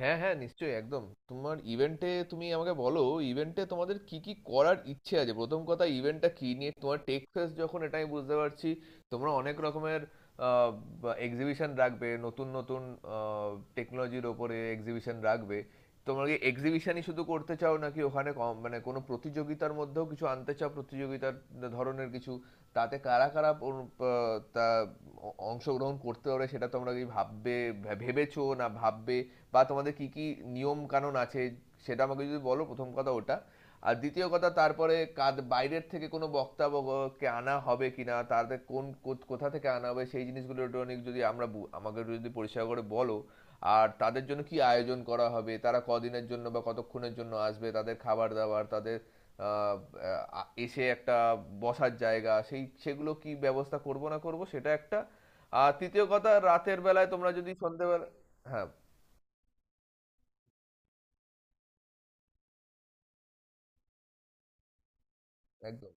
হ্যাঁ, হ্যাঁ, নিশ্চয়ই, একদম। তোমার ইভেন্টে তুমি আমাকে বলো, ইভেন্টে তোমাদের কি কি করার ইচ্ছে আছে। প্রথম কথা, ইভেন্টটা কি নিয়ে? তোমার টেক্সাস যখন, এটা আমি বুঝতে পারছি তোমরা অনেক রকমের এক্সিবিশন রাখবে, নতুন নতুন টেকনোলজির ওপরে এক্সিবিশন রাখবে। তোমরা কি এক্সিবিশনই শুধু করতে চাও, নাকি ওখানে কম মানে কোনো প্রতিযোগিতার মধ্যেও কিছু আনতে চাও? প্রতিযোগিতার ধরনের কিছু, তাতে কারা কারা অংশগ্রহণ করতে পারে সেটা তোমরা কি ভাববে, ভেবেছো না ভাববে? বা তোমাদের কি কি নিয়ম কানুন আছে সেটা আমাকে যদি বলো, প্রথম কথা ওটা। আর দ্বিতীয় কথা, তারপরে কাদ বাইরের থেকে কোনো বক্তা কে আনা হবে কিনা, তাদের কোন কোথা থেকে আনা হবে সেই জিনিসগুলো একটু অনেক যদি আমরা আমাকে একটু যদি পরিষ্কার করে বলো। আর তাদের জন্য কি আয়োজন করা হবে, তারা কদিনের জন্য বা কতক্ষণের জন্য আসবে, তাদের খাবার দাবার, তাদের আহ, আহ, এসে একটা বসার জায়গা, সেই সেগুলো কি ব্যবস্থা করব না করব সেটা একটা। আর তৃতীয় কথা, রাতের বেলায় তোমরা যদি সন্ধ্যেবেলা, হ্যাঁ একদম।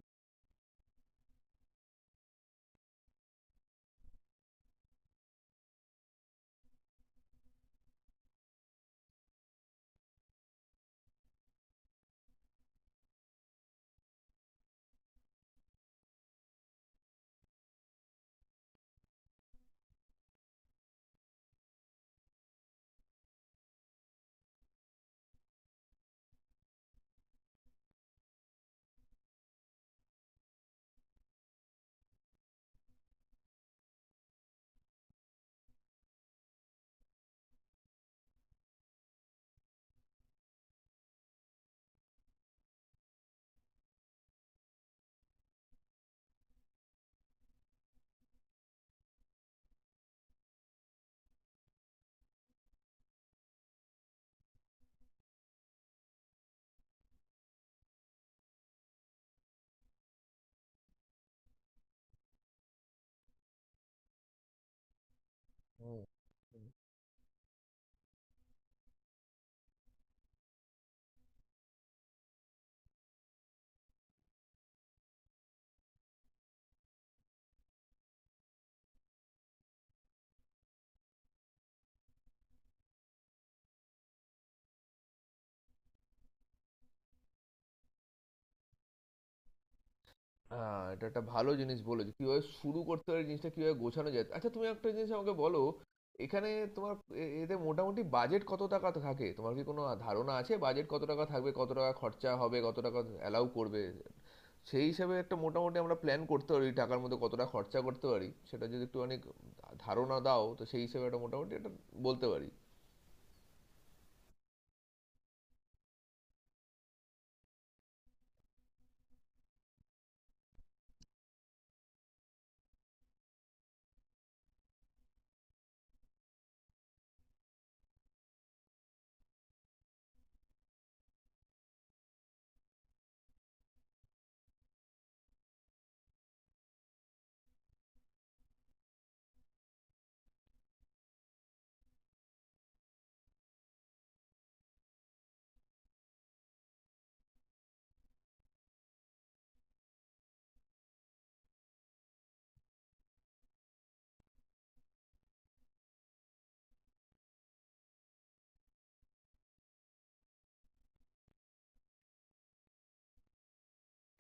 হুম। হুম। এটা একটা ভালো জিনিস বলেছো। কিভাবে শুরু করতে হয়, জিনিসটা কিভাবে গোছানো যায়। আচ্ছা, তুমি একটা জিনিস আমাকে বলো, এখানে তোমার এ এতে মোটামুটি বাজেট কত টাকা থাকে? তোমার কি কোনো ধারণা আছে বাজেট কত টাকা থাকবে? কত টাকা খরচা হবে? কত টাকা অ্যালাউ করবে? সেই হিসাবে একটা মোটামুটি আমরা প্ল্যান করতে পারি, টাকার মধ্যে কতটা খরচা করতে পারি সেটা যদি একটু অনেক ধারণা দাও, তো সেই হিসেবে একটা মোটামুটি একটা বলতে পারি।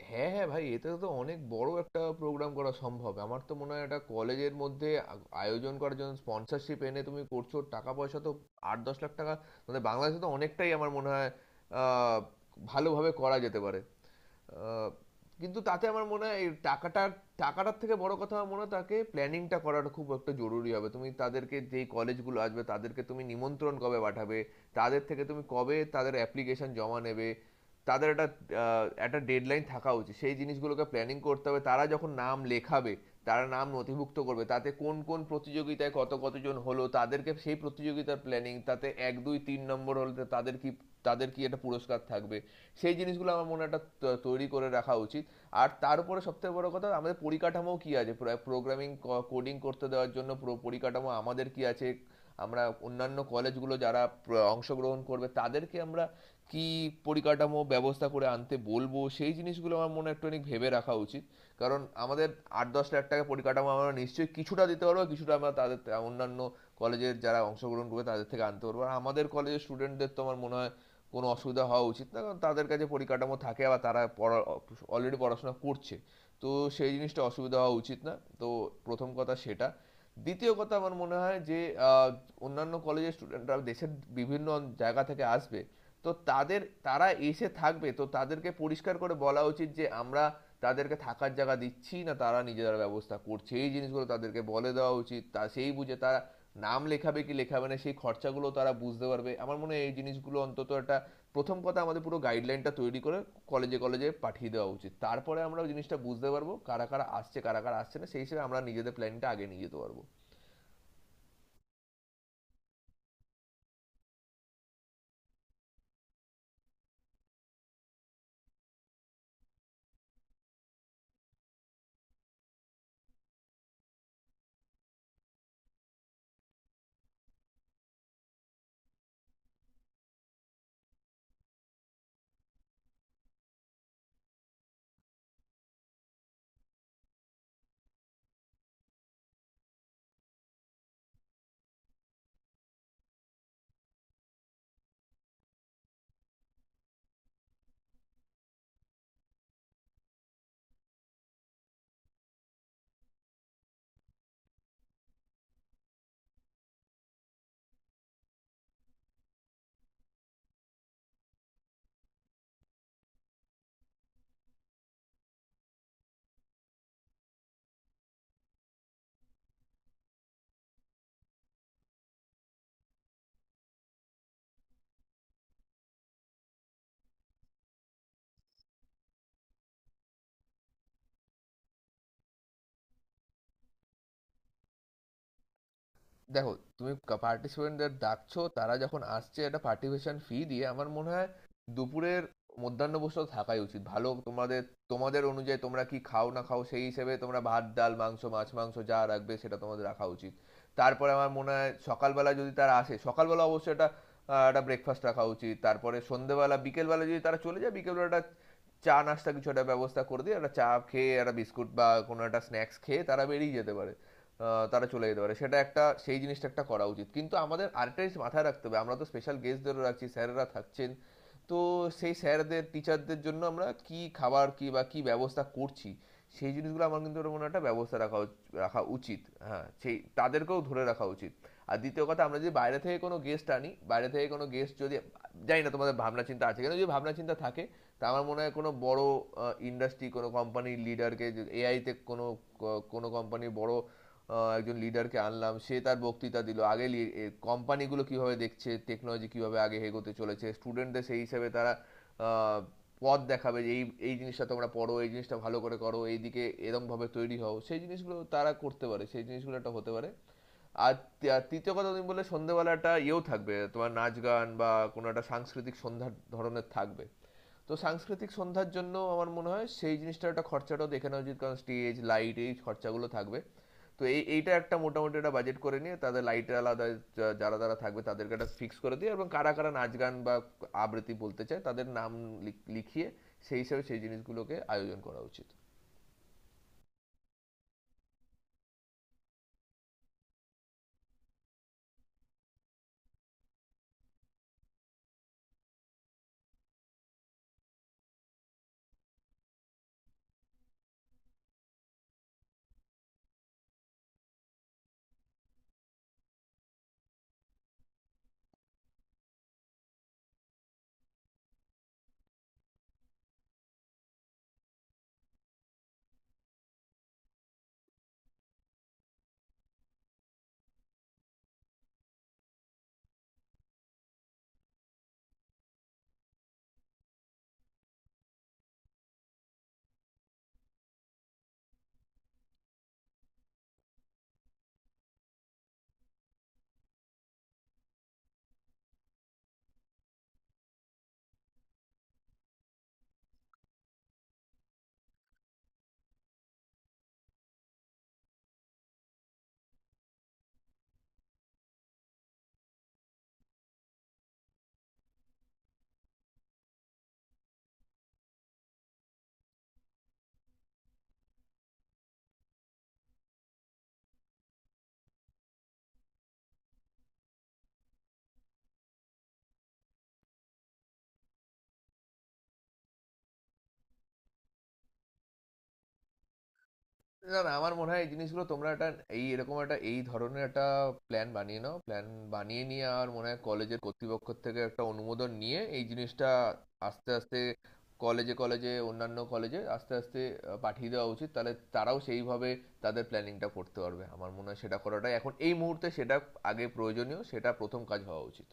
হ্যাঁ, হ্যাঁ ভাই, এতে তো অনেক বড় একটা প্রোগ্রাম করা সম্ভব। আমার তো মনে হয় এটা কলেজের মধ্যে আ আয়োজন করার জন্য স্পন্সরশিপ এনে তুমি করছো। টাকা পয়সা তো ৳৮-১০ লাখ টাকা মানে বাংলাদেশে তো অনেকটাই, আমার মনে হয় আ ভালোভাবে করা যেতে পারে। আহ, কিন্তু তাতে আমার মনে হয় এই টাকাটা, টাকাটার থেকে বড় কথা আমার মনে হয় তাকে planning টা করাটা খুব একটা জরুরি হবে। তুমি তাদেরকে যেই college গুলো আসবে তাদেরকে তুমি নিমন্ত্রণ কবে পাঠাবে, তাদের থেকে তুমি কবে তাদের application জমা নেবে, তাদের একটা একটা ডেডলাইন থাকা উচিত। সেই জিনিসগুলোকে প্ল্যানিং করতে হবে। তারা যখন নাম লেখাবে, তারা নাম নথিভুক্ত করবে, তাতে কোন কোন প্রতিযোগিতায় কত কতজন হলো তাদেরকে সেই প্রতিযোগিতার প্ল্যানিং, তাতে এক দুই তিন নম্বর হলে তাদের কি, তাদের কি একটা পুরস্কার থাকবে, সেই জিনিসগুলো আমার মনে হয় একটা তৈরি করে রাখা উচিত। আর তার উপরে সবথেকে বড় কথা, আমাদের পরিকাঠামো কি আছে? প্রোগ্রামিং কোডিং করতে দেওয়ার জন্য পুরো পরিকাঠামো আমাদের কি আছে? আমরা অন্যান্য কলেজগুলো যারা অংশগ্রহণ করবে তাদেরকে আমরা কি পরিকাঠামো ব্যবস্থা করে আনতে বলবো, সেই জিনিসগুলো আমার মনে হয় একটু অনেক ভেবে রাখা উচিত। কারণ আমাদের আট দশ লাখ টাকা, পরিকাঠামো আমরা নিশ্চয়ই কিছুটা দিতে পারবো, কিছুটা আমরা তাদের অন্যান্য কলেজের যারা অংশগ্রহণ করবে তাদের থেকে আনতে পারবো। আর আমাদের কলেজের স্টুডেন্টদের তো আমার মনে হয় কোনো অসুবিধা হওয়া উচিত না, কারণ তাদের কাছে পরিকাঠামো থাকে, বা তারা পড়া অলরেডি পড়াশোনা করছে। তো সেই জিনিসটা অসুবিধা হওয়া উচিত না। তো প্রথম কথা সেটা। দ্বিতীয় কথা আমার মনে হয় যে আহ, অন্যান্য কলেজের স্টুডেন্টরা দেশের বিভিন্ন জায়গা থেকে আসবে। তো তাদের, তারা এসে থাকবে, তো তাদেরকে পরিষ্কার করে বলা উচিত যে আমরা তাদেরকে থাকার জায়গা দিচ্ছি না, তারা নিজেরা ব্যবস্থা করছে, এই জিনিসগুলো তাদেরকে বলে দেওয়া উচিত। তা সেই বুঝে তারা নাম লেখাবে কি লেখাবে না, সেই খরচাগুলো তারা বুঝতে পারবে। আমার মনে হয় এই জিনিসগুলো অন্তত একটা, প্রথম কথা আমাদের পুরো গাইডলাইনটা তৈরি করে কলেজে কলেজে পাঠিয়ে দেওয়া উচিত। তারপরে আমরা জিনিসটা বুঝতে পারবো কারা কারা আসছে, কারা কারা আসছে না, সেই হিসেবে আমরা নিজেদের প্ল্যানিংটা আগে নিয়ে যেতে পারবো। দেখো, তুমি পার্টিসিপেন্টদের ডাকছো, তারা যখন আসছে একটা পার্টিসিপেশন ফি দিয়ে, আমার মনে হয় দুপুরের মধ্যাহ্ন ভোজটা থাকাই উচিত ভালো। তোমাদের, তোমাদের অনুযায়ী তোমরা কি খাও না খাও সেই হিসেবে তোমরা ভাত ডাল মাংস মাছ মাংস যা রাখবে সেটা তোমাদের রাখা উচিত। তারপরে আমার মনে হয় সকালবেলা যদি তারা আসে, সকালবেলা অবশ্যই একটা একটা ব্রেকফাস্ট রাখা উচিত। তারপরে সন্ধেবেলা বিকেলবেলা যদি তারা চলে যায়, বিকেলবেলা একটা চা নাস্তা কিছু একটা ব্যবস্থা করে দিয়ে, একটা চা খেয়ে একটা বিস্কুট বা কোনো একটা স্ন্যাক্স খেয়ে তারা বেরিয়ে যেতে পারে, তারা চলে যেতে পারে। সেটা একটা, সেই জিনিসটা একটা করা উচিত। কিন্তু আমাদের আরেকটা জিনিস মাথায় রাখতে হবে, আমরা তো স্পেশাল গেস্টদেরও রাখছি, স্যারেরা থাকছেন। তো সেই স্যারদের টিচারদের জন্য আমরা কি খাবার কি বা কি ব্যবস্থা করছি, সেই জিনিসগুলো আমার কিন্তু ওটা মনে হয় একটা ব্যবস্থা রাখা রাখা উচিত। হ্যাঁ, সেই তাদেরকেও ধরে রাখা উচিত। আর দ্বিতীয় কথা, আমরা যদি বাইরে থেকে কোনো গেস্ট আনি, বাইরে থেকে কোনো গেস্ট যদি, জানি না তোমাদের ভাবনা চিন্তা আছে কিন্তু যদি ভাবনা চিন্তা থাকে, তা আমার মনে হয় কোনো বড় ইন্ডাস্ট্রি, কোনো কোম্পানির লিডারকে, এআইতে কোনো কোনো কোম্পানির বড় একজন লিডারকে আনলাম, সে তার বক্তৃতা দিল আগে কোম্পানিগুলো কিভাবে দেখছে, টেকনোলজি কিভাবে আগে এগোতে চলেছে, স্টুডেন্টদের সেই হিসেবে তারা আহ, পথ দেখাবে যে এই এই জিনিসটা তোমরা পড়ো, এই জিনিসটা ভালো করে করো, এইদিকে এরমভাবে তৈরি হও, সেই জিনিসগুলো তারা করতে পারে, সেই জিনিসগুলো একটা হতে পারে। আর আর তৃতীয় কথা, তুমি বললে সন্ধ্যেবেলা একটা ইয়েও থাকবে, তোমার নাচ গান বা কোনো একটা সাংস্কৃতিক সন্ধ্যার ধরনের থাকবে। তো সাংস্কৃতিক সন্ধ্যার জন্য আমার মনে হয় সেই জিনিসটার একটা খরচাটাও দেখে নেওয়া উচিত, কারণ স্টেজ লাইট এই খরচাগুলো থাকবে। তো এই এইটা একটা মোটামুটি একটা বাজেট করে নিয়ে তাদের লাইটের আলাদা, যারা যারা থাকবে তাদেরকে একটা ফিক্স করে দিয়ে, এবং কারা কারা নাচ গান বা আবৃত্তি বলতে চায় তাদের নাম লিখিয়ে সেই হিসাবে সেই জিনিসগুলোকে আয়োজন করা উচিত। না, না, আমার মনে হয় এই জিনিসগুলো তোমরা একটা, এই এরকম একটা এই ধরনের একটা প্ল্যান বানিয়ে নাও। প্ল্যান বানিয়ে নিয়ে আর মনে হয় কলেজের কর্তৃপক্ষ থেকে একটা অনুমোদন নিয়ে এই জিনিসটা আস্তে আস্তে কলেজে কলেজে, অন্যান্য কলেজে আস্তে আস্তে পাঠিয়ে দেওয়া উচিত। তাহলে তারাও সেইভাবে তাদের প্ল্যানিংটা করতে পারবে। আমার মনে হয় সেটা করাটাই এখন এই মুহূর্তে সেটা আগে প্রয়োজনীয়, সেটা প্রথম কাজ হওয়া উচিত।